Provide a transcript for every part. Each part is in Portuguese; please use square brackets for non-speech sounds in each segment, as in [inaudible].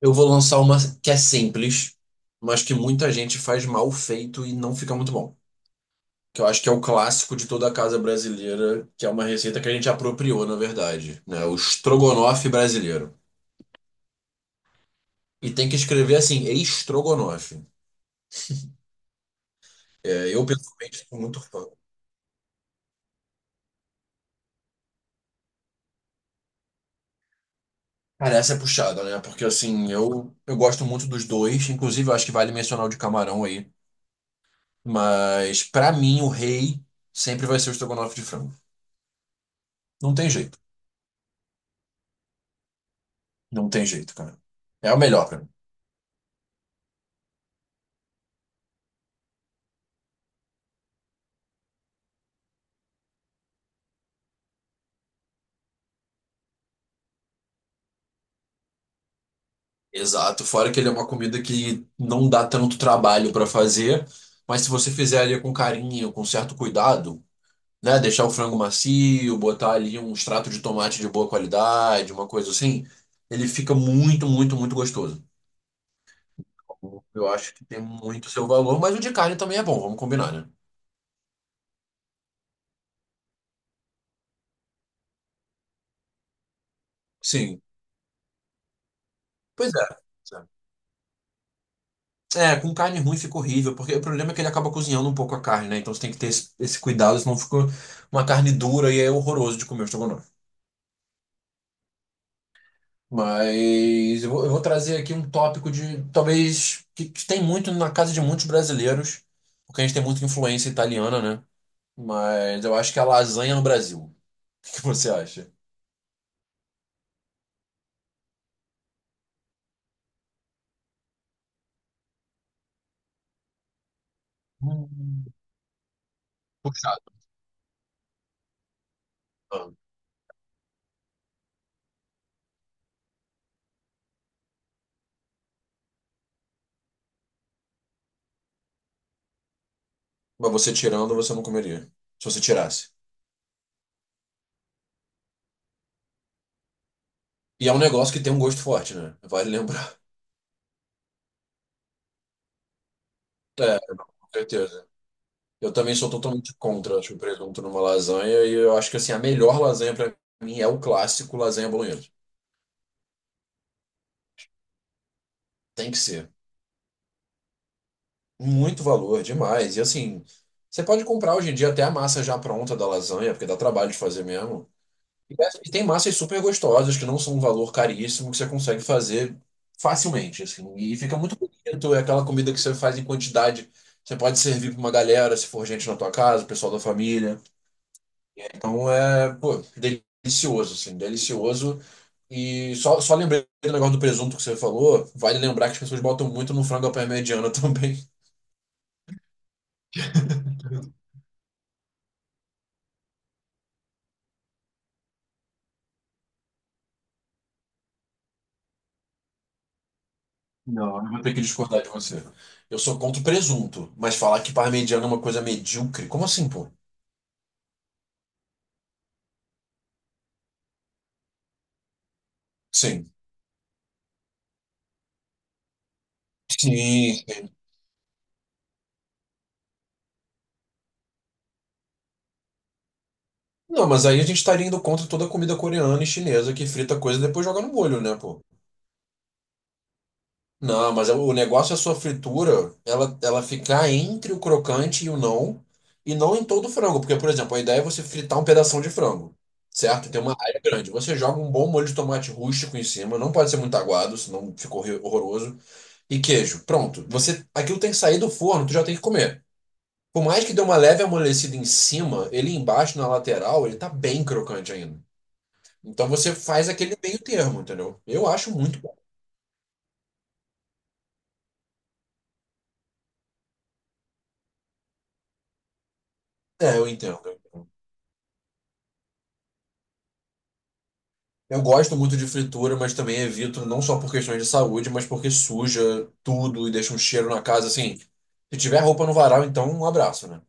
Eu vou lançar uma que é simples, mas que muita gente faz mal feito e não fica muito bom. Que eu acho que é o clássico de toda a casa brasileira, que é uma receita que a gente apropriou, na verdade, né? O estrogonofe brasileiro. E tem que escrever assim, estrogonofe. É, pessoalmente, sou muito fã. Cara, essa é puxada, né? Porque, assim, eu gosto muito dos dois. Inclusive, eu acho que vale mencionar o de camarão aí. Mas, pra mim, o rei sempre vai ser o estrogonofe de frango. Não tem jeito. Não tem jeito, cara. É o melhor. Exato, fora que ele é uma comida que não dá tanto trabalho para fazer, mas se você fizer ali com carinho, com certo cuidado, né, deixar o frango macio, botar ali um extrato de tomate de boa qualidade, uma coisa assim, ele fica muito, muito, muito gostoso. Eu acho que tem muito seu valor, mas o de carne também é bom, vamos combinar, né? Sim, pois é. Com carne ruim fica horrível, porque o problema é que ele acaba cozinhando um pouco a carne, né? Então você tem que ter esse cuidado, senão fica uma carne dura e é horroroso de comer o estrogonofe. Mas eu vou trazer aqui um tópico de talvez que tem muito na casa de muitos brasileiros, porque a gente tem muita influência italiana, né? Mas eu acho que é a lasanha no Brasil. O que que você acha? Hum. Puxado. Ah. Mas você tirando, você não comeria. Se você tirasse. E é um negócio que tem um gosto forte, né? Vale lembrar. [laughs] É, não, com certeza. Eu também sou totalmente contra, acho, o presunto numa lasanha. E eu acho que, assim, a melhor lasanha pra mim é o clássico lasanha bolonhesa. Tem que ser. Muito valor, demais. E assim, você pode comprar hoje em dia até a massa já pronta da lasanha, porque dá trabalho de fazer mesmo. E tem massas super gostosas, que não são um valor caríssimo, que você consegue fazer facilmente, assim. E fica muito bonito, é aquela comida que você faz em quantidade. Você pode servir para uma galera, se for gente na tua casa, o pessoal da família. Então é, pô, delicioso, assim, delicioso. E só lembrei do negócio do presunto que você falou, vale lembrar que as pessoas botam muito no frango à parmegiana [laughs] também. Eu tenho que discordar de você. Eu sou contra o presunto, mas falar que parmegiana é uma coisa medíocre, como assim, pô? Sim. Sim. Não, mas aí a gente estaria indo contra toda a comida coreana e chinesa que frita coisa e depois joga no molho, né, pô? Não, mas é o negócio é a sua fritura, ela ficar entre o crocante e o não, e não em todo o frango, porque, por exemplo, a ideia é você fritar um pedação de frango, certo? Tem uma área grande. Você joga um bom molho de tomate rústico em cima, não pode ser muito aguado, senão ficou horroroso. E queijo. Pronto. Você, aquilo tem que sair do forno, tu já tem que comer. Por mais que dê uma leve amolecida em cima, ele embaixo na lateral, ele tá bem crocante ainda. Então você faz aquele meio termo, entendeu? Eu acho muito bom. É, eu entendo. Eu gosto muito de fritura, mas também evito não só por questões de saúde, mas porque suja tudo e deixa um cheiro na casa assim. Se tiver roupa no varal, então um abraço, né?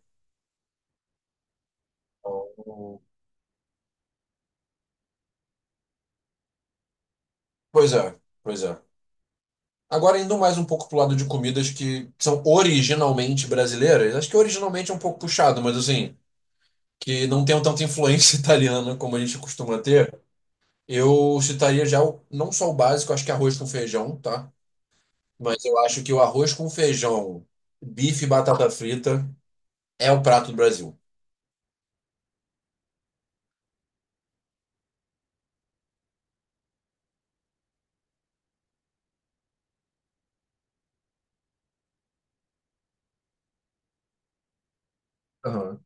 Então, pois é, pois é. Agora, indo mais um pouco pro lado de comidas que são originalmente brasileiras, acho que originalmente é um pouco puxado, mas assim, que não tenham tanta influência [laughs] italiana como a gente costuma ter, eu citaria já o- não só o básico, acho que arroz com feijão, tá? Mas eu acho que o arroz com feijão, bife e batata frita é o prato do Brasil. Aham.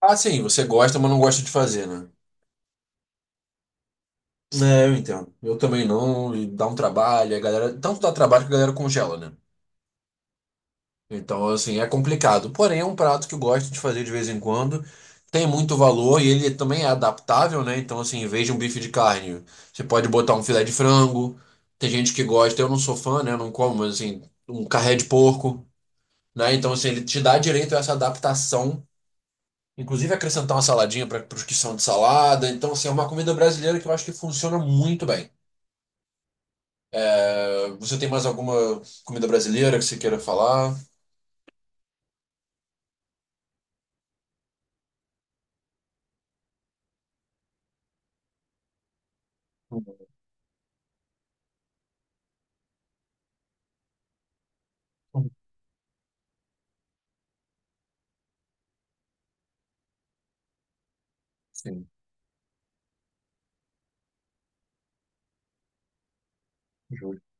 Ah, sim, você gosta, mas não gosta de fazer, né? É, eu entendo. Eu também não, e dá um trabalho, a galera, tanto dá trabalho que a galera congela, né? Então, assim, é complicado. Porém, é um prato que eu gosto de fazer de vez em quando. Tem muito valor e ele também é adaptável, né? Então, assim, em vez de um bife de carne, você pode botar um filé de frango. Tem gente que gosta, eu não sou fã, né? Eu não como, mas, assim, um carré de porco, né? Então, assim, ele te dá direito a essa adaptação. Inclusive, acrescentar uma saladinha para os que são de salada. Então, assim, é uma comida brasileira que eu acho que funciona muito bem. Você tem mais alguma comida brasileira que você queira falar? Sim, justo.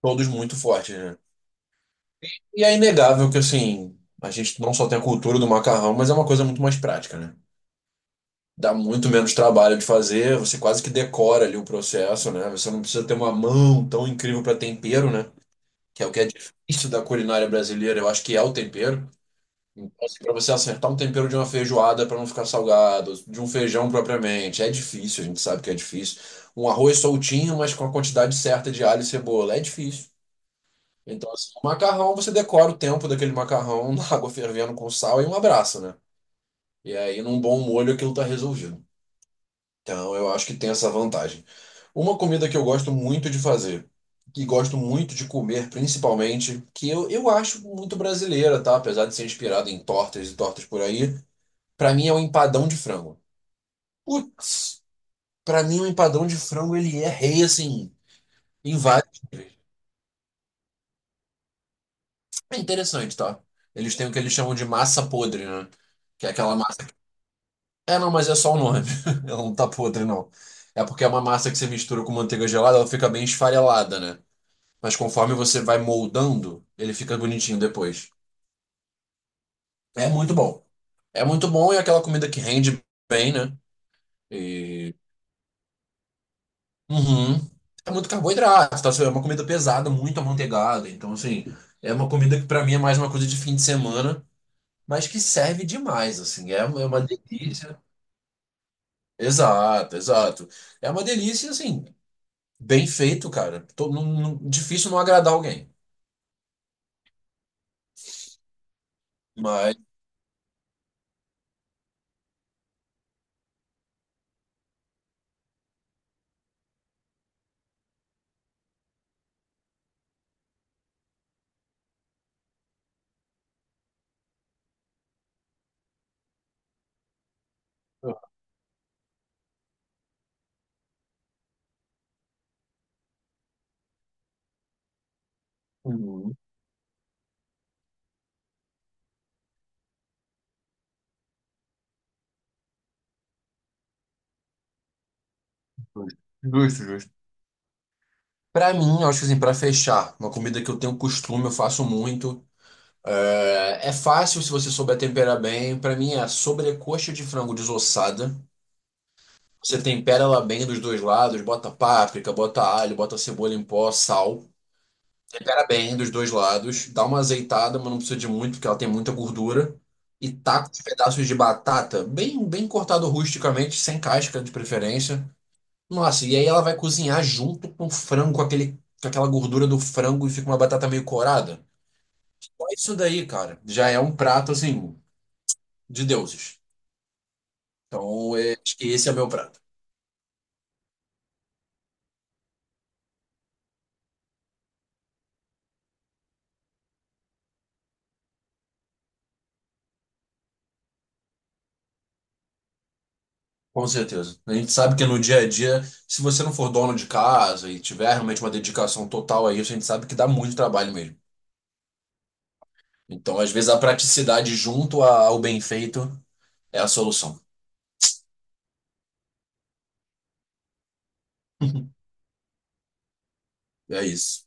Todos muito fortes, né? E é inegável que, assim, a gente não só tem a cultura do macarrão, mas é uma coisa muito mais prática, né? Dá muito menos trabalho de fazer, você quase que decora ali o processo, né? Você não precisa ter uma mão tão incrível para tempero, né? Que é o que é difícil da culinária brasileira, eu acho que é o tempero. Então, assim, para você acertar um tempero de uma feijoada para não ficar salgado, de um feijão propriamente, é difícil, a gente sabe que é difícil. Um arroz soltinho, mas com a quantidade certa de alho e cebola, é difícil. Então, assim, o macarrão, você decora o tempo daquele macarrão na água fervendo com sal e um abraço, né? E aí, num bom molho, aquilo tá resolvido. Então, eu acho que tem essa vantagem. Uma comida que eu gosto muito de fazer, que gosto muito de comer, principalmente, que eu acho muito brasileira, tá? Apesar de ser inspirada em tortas e tortas por aí, pra mim é o empadão de frango. Putz, pra mim o empadão de frango, ele é rei, assim, em vários níveis. É interessante, tá? Eles têm o que eles chamam de massa podre, né? Que é aquela massa. É, não, mas é só o nome. [laughs] Ela não tá podre, não. É porque é uma massa que você mistura com manteiga gelada, ela fica bem esfarelada, né? Mas conforme você vai moldando, ele fica bonitinho depois. É muito bom. É muito bom e é aquela comida que rende bem, né? E... Uhum. É muito carboidrato, tá? É uma comida pesada, muito amanteigada. Então, assim, é uma comida que pra mim é mais uma coisa de fim de semana, mas que serve demais, assim. É uma delícia. Exato, exato. É uma delícia, assim. Bem feito, cara. Difícil não agradar alguém. Mas. Uhum. Justo, justo. Pra mim, eu acho que assim, pra fechar, uma comida que eu tenho costume, eu faço muito. É, é fácil se você souber temperar bem. Pra mim é a sobrecoxa de frango desossada. Você tempera ela bem dos dois lados, bota páprica, bota alho, bota cebola em pó, sal. Tempera bem dos dois lados, dá uma azeitada, mas não precisa de muito, porque ela tem muita gordura. E taca os pedaços de batata, bem cortado rusticamente, sem casca de preferência. Nossa, e aí ela vai cozinhar junto com o frango, com aquela gordura do frango e fica uma batata meio corada. Só isso daí, cara, já é um prato, assim, de deuses. Então, é, acho que esse é meu prato. Com certeza. A gente sabe que no dia a dia, se você não for dono de casa e tiver realmente uma dedicação total a isso, a gente sabe que dá muito trabalho mesmo. Então, às vezes, a praticidade junto ao bem feito é a solução. [laughs] É isso.